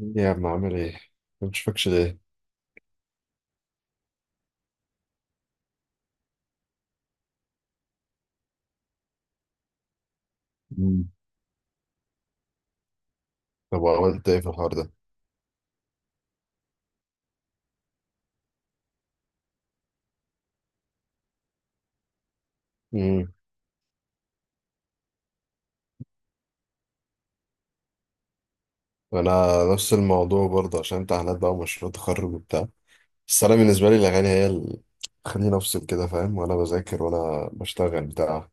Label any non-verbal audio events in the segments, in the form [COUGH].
يا عم عامل ايه؟ ما بشوفكش ليه؟ مم. طب عملت ايه في الحوار ده؟ امم انا نفس الموضوع برضه عشان امتحانات بقى ومشروع تخرج وبتاع. بس انا بالنسبه لي الاغاني هي اللي خليني افصل كده، فاهم، وانا بذاكر وانا بشتغل بتاع.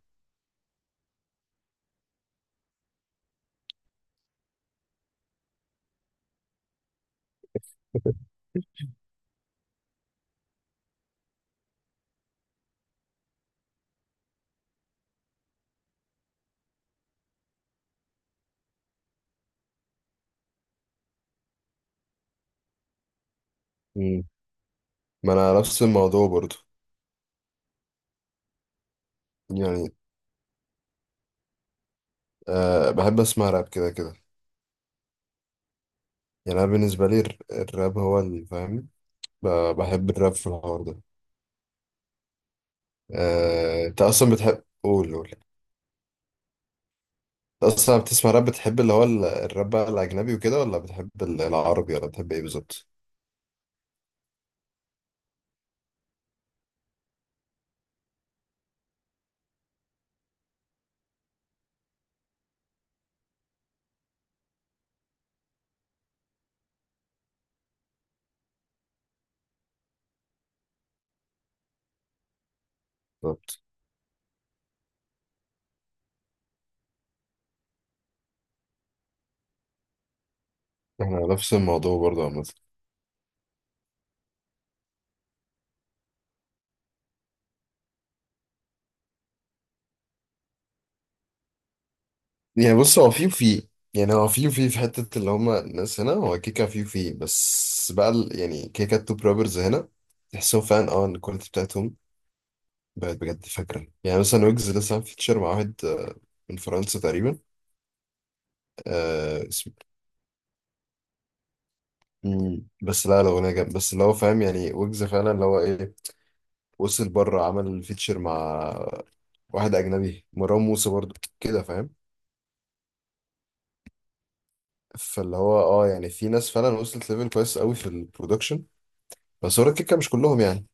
[LAUGHS] مم. ما انا نفس الموضوع برضه. يعني أه بحب اسمع راب كده كده. يعني أنا بالنسبة لي الراب هو اللي فاهم. ب- بحب الراب في الحوار ده. أنت أصلا بتحب قول. أنت أصلا بتسمع راب، بتحب اللي هو الراب بقى الأجنبي وكده، ولا بتحب العربي ولا بتحب إيه بالظبط؟ بالظبط. إحنا نفس الموضوع برضه عامة. يعني بص، هو في وفي، يعني هو في وفي في حتة اللي هما الناس هنا، هو كيكا في وفي. بس بقى يعني كيكا التوب رابرز هنا تحسهم فعلا اه إن الكواليتي بتاعتهم بقت بجد. فاكرة يعني مثلا ويجز لسه عامل فيتشر مع واحد من فرنسا تقريبا. آه اسم- مم. بس لا لو انا جامد، بس اللي هو فاهم، يعني ويجز فعلا اللي هو ايه وصل بره، عمل فيتشر مع واحد اجنبي، مروان موسى برضه، كده فاهم. فاللي هو اه يعني في ناس فعلا وصلت ليفل كويس قوي في البرودكشن، بس هو الكيكه مش كلهم يعني.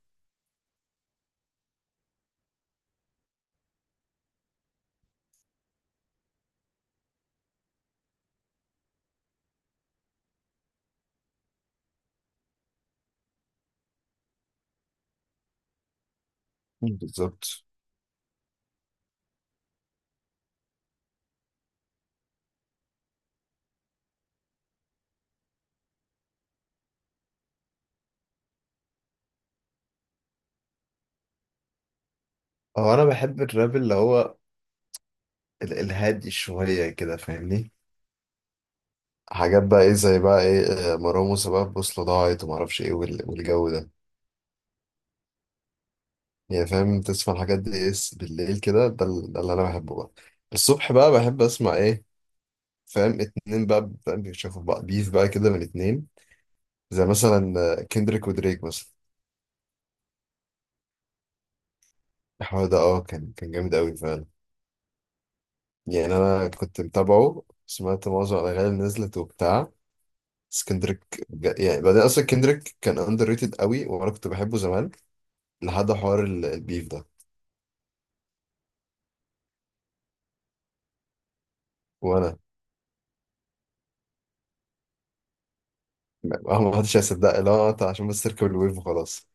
مم. بالظبط. هو انا بحب الراب اللي هو الهادي شويه كده، فاهمني، حاجات بقى ايه زي بقى ايه. مروان موسى بقى البوصله ضاعت وما اعرفش ايه والجو ده. يعني فاهم تسمع الحاجات دي اس بالليل كده ده، ده اللي انا بحبه بقى. الصبح بقى بحب اسمع ايه، فاهم اتنين بقى، فاهم بيشوفوا بقى بيف بقى كده من اتنين، زي مثلا كندريك ودريك مثلا. الحوار ده اه كان جامد قوي فعلا. يعني انا كنت متابعه، سمعت معظم الاغاني اللي نزلت وبتاع. بس كندريك يعني بعدين اصلا كندريك كان اندر ريتد قوي، وانا كنت بحبه زمان لحد حوار البيف ده. وانا ما حدش هيصدق اللي هو انت عشان بس تركب الويف وخلاص.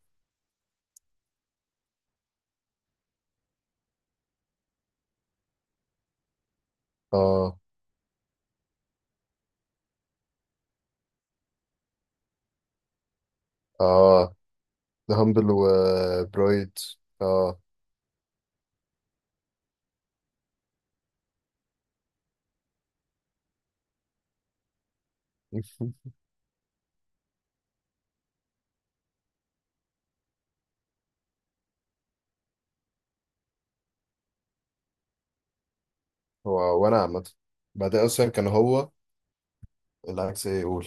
اه. اه، ده هامبل وبرايد. اه. [LAUGHS] هو وانا عامة، بعدين اصلا كان هو العكس. ايه يقول؟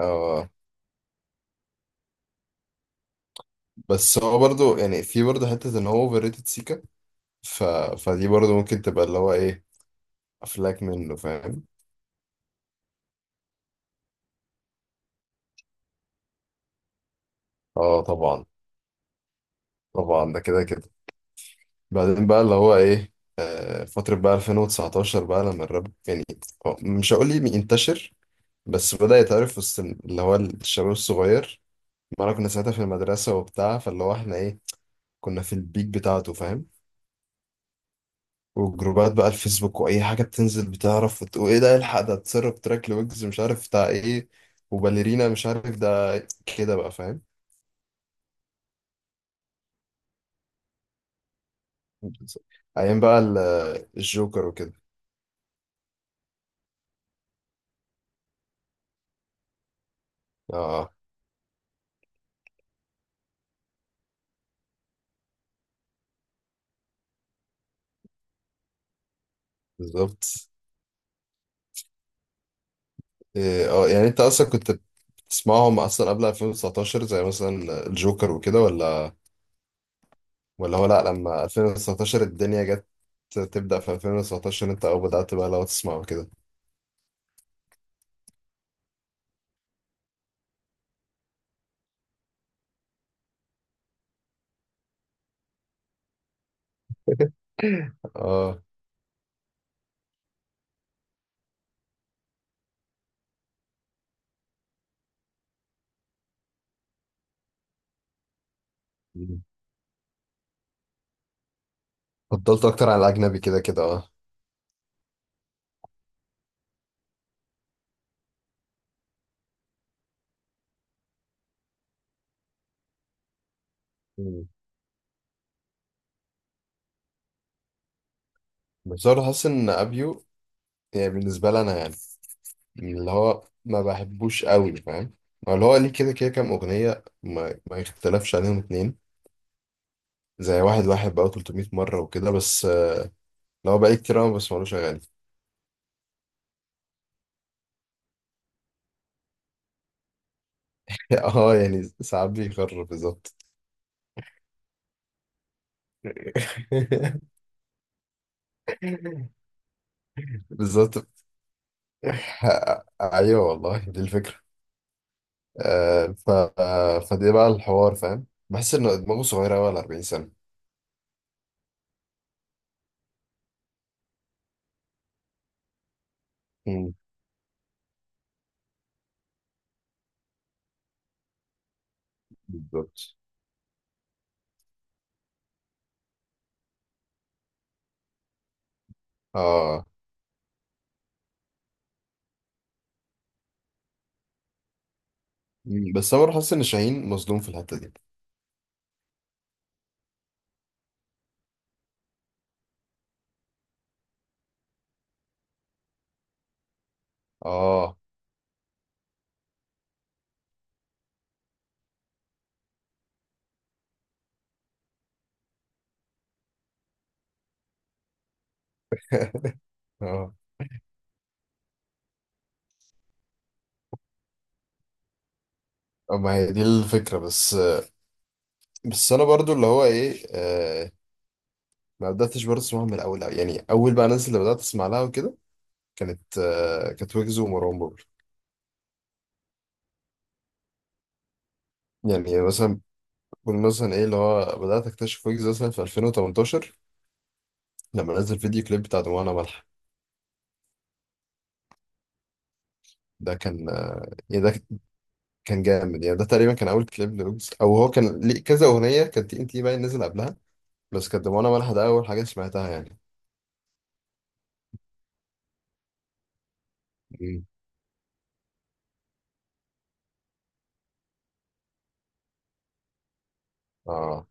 اه بس هو برضو، يعني في برضو حتة ان هو اوفر ريتد سيكا، ف... فدي برضو ممكن تبقى اللي هو ايه افلاك منه، فاهم. اه طبعا. طبعا ده كده كده. بعدين بقى اللي هو ايه، فترة بقى 2019 بقى لما الراب يعني هو مش هقول لي انتشر، بس بدأ يتعرف وسط اللي هو الشباب الصغير. ما انا كنا ساعتها في المدرسة وبتاع، فاللي هو احنا ايه كنا في البيك بتاعته، فاهم. وجروبات بقى الفيسبوك واي حاجه بتنزل بتعرف وتقول ايه ده، الحق ده اتسرب تراك لويجز مش عارف بتاع ايه، وباليرينا مش عارف ده، كده بقى، فاهم. ايام بقى الجوكر وكده. اه بالظبط. إيه، اه يعني انت اصلا كنت بتسمعهم اصلا قبل 2019 زي مثلا الجوكر وكده، ولا هو لا لما 2019 الدنيا جت تبدأ في 2019 انت، او بدأت بقى لو تسمعه كده. اه فضلت اكتر على الاجنبي كده كده اه. مم. بس انا حاسس ان ابيو يعني بالنسبه لي انا يعني اللي هو ما بحبوش قوي، فاهم. هو اللي هو ليه كده كده كام اغنيه ما يختلفش عليهم اتنين، زي واحد واحد بقى 300 مره وكده. بس اللي هو بقالي كتير أوي ما بسمعلوش اغاني. [LAUGHS] اه يعني ساعات بيخرب بالظبط. [LAUGHS] بالظبط. [LAUGHS] ايوه والله دي الفكره. آه، ف آه، فدي بقى الحوار، فاهم. بحس ان دماغه صغيره قوي على 40 سنه. مم. بالظبط اه. مم. بس انا برضه حاسس ان شاهين مظلوم في الحته دي. اه اه. ما هي دي الفكره. بس انا برضو اللي هو ايه آه ما بداتش برضه اسمعها من الاول أوي. يعني اول بقى الناس اللي بدات اسمع لها وكده كانت ويجز ومروان بابلو. يعني مثلا بقول مثلا ايه، اللي هو بدات اكتشف ويجز مثلا في 2018 لما نزل فيديو كليب بتاع دموعنا ملح. ده كان آه يعني ده كان جامد. يعني ده تقريبا كان اول كليب لويجز، او هو كان ليه كذا اغنيه، كانت تي ان تي باين نزل قبلها. بس كانت دموعنا ملح ده اول حاجه سمعتها يعني. اه.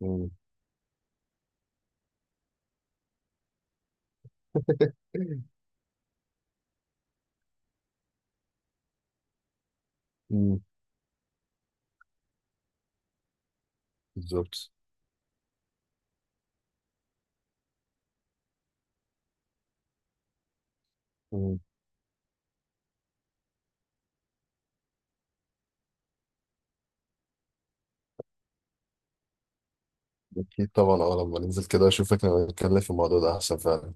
مم. [LAUGHS] مم. بالظبط. مم. اكيد طبعا، اه لما ننزل كده اشوفك نبقى نتكلم في الموضوع ده احسن فعلا.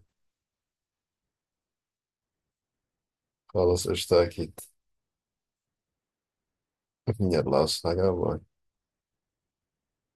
خلاص قشطة اكيد. [LAUGHS] يلا عاوز حاجة؟ باي.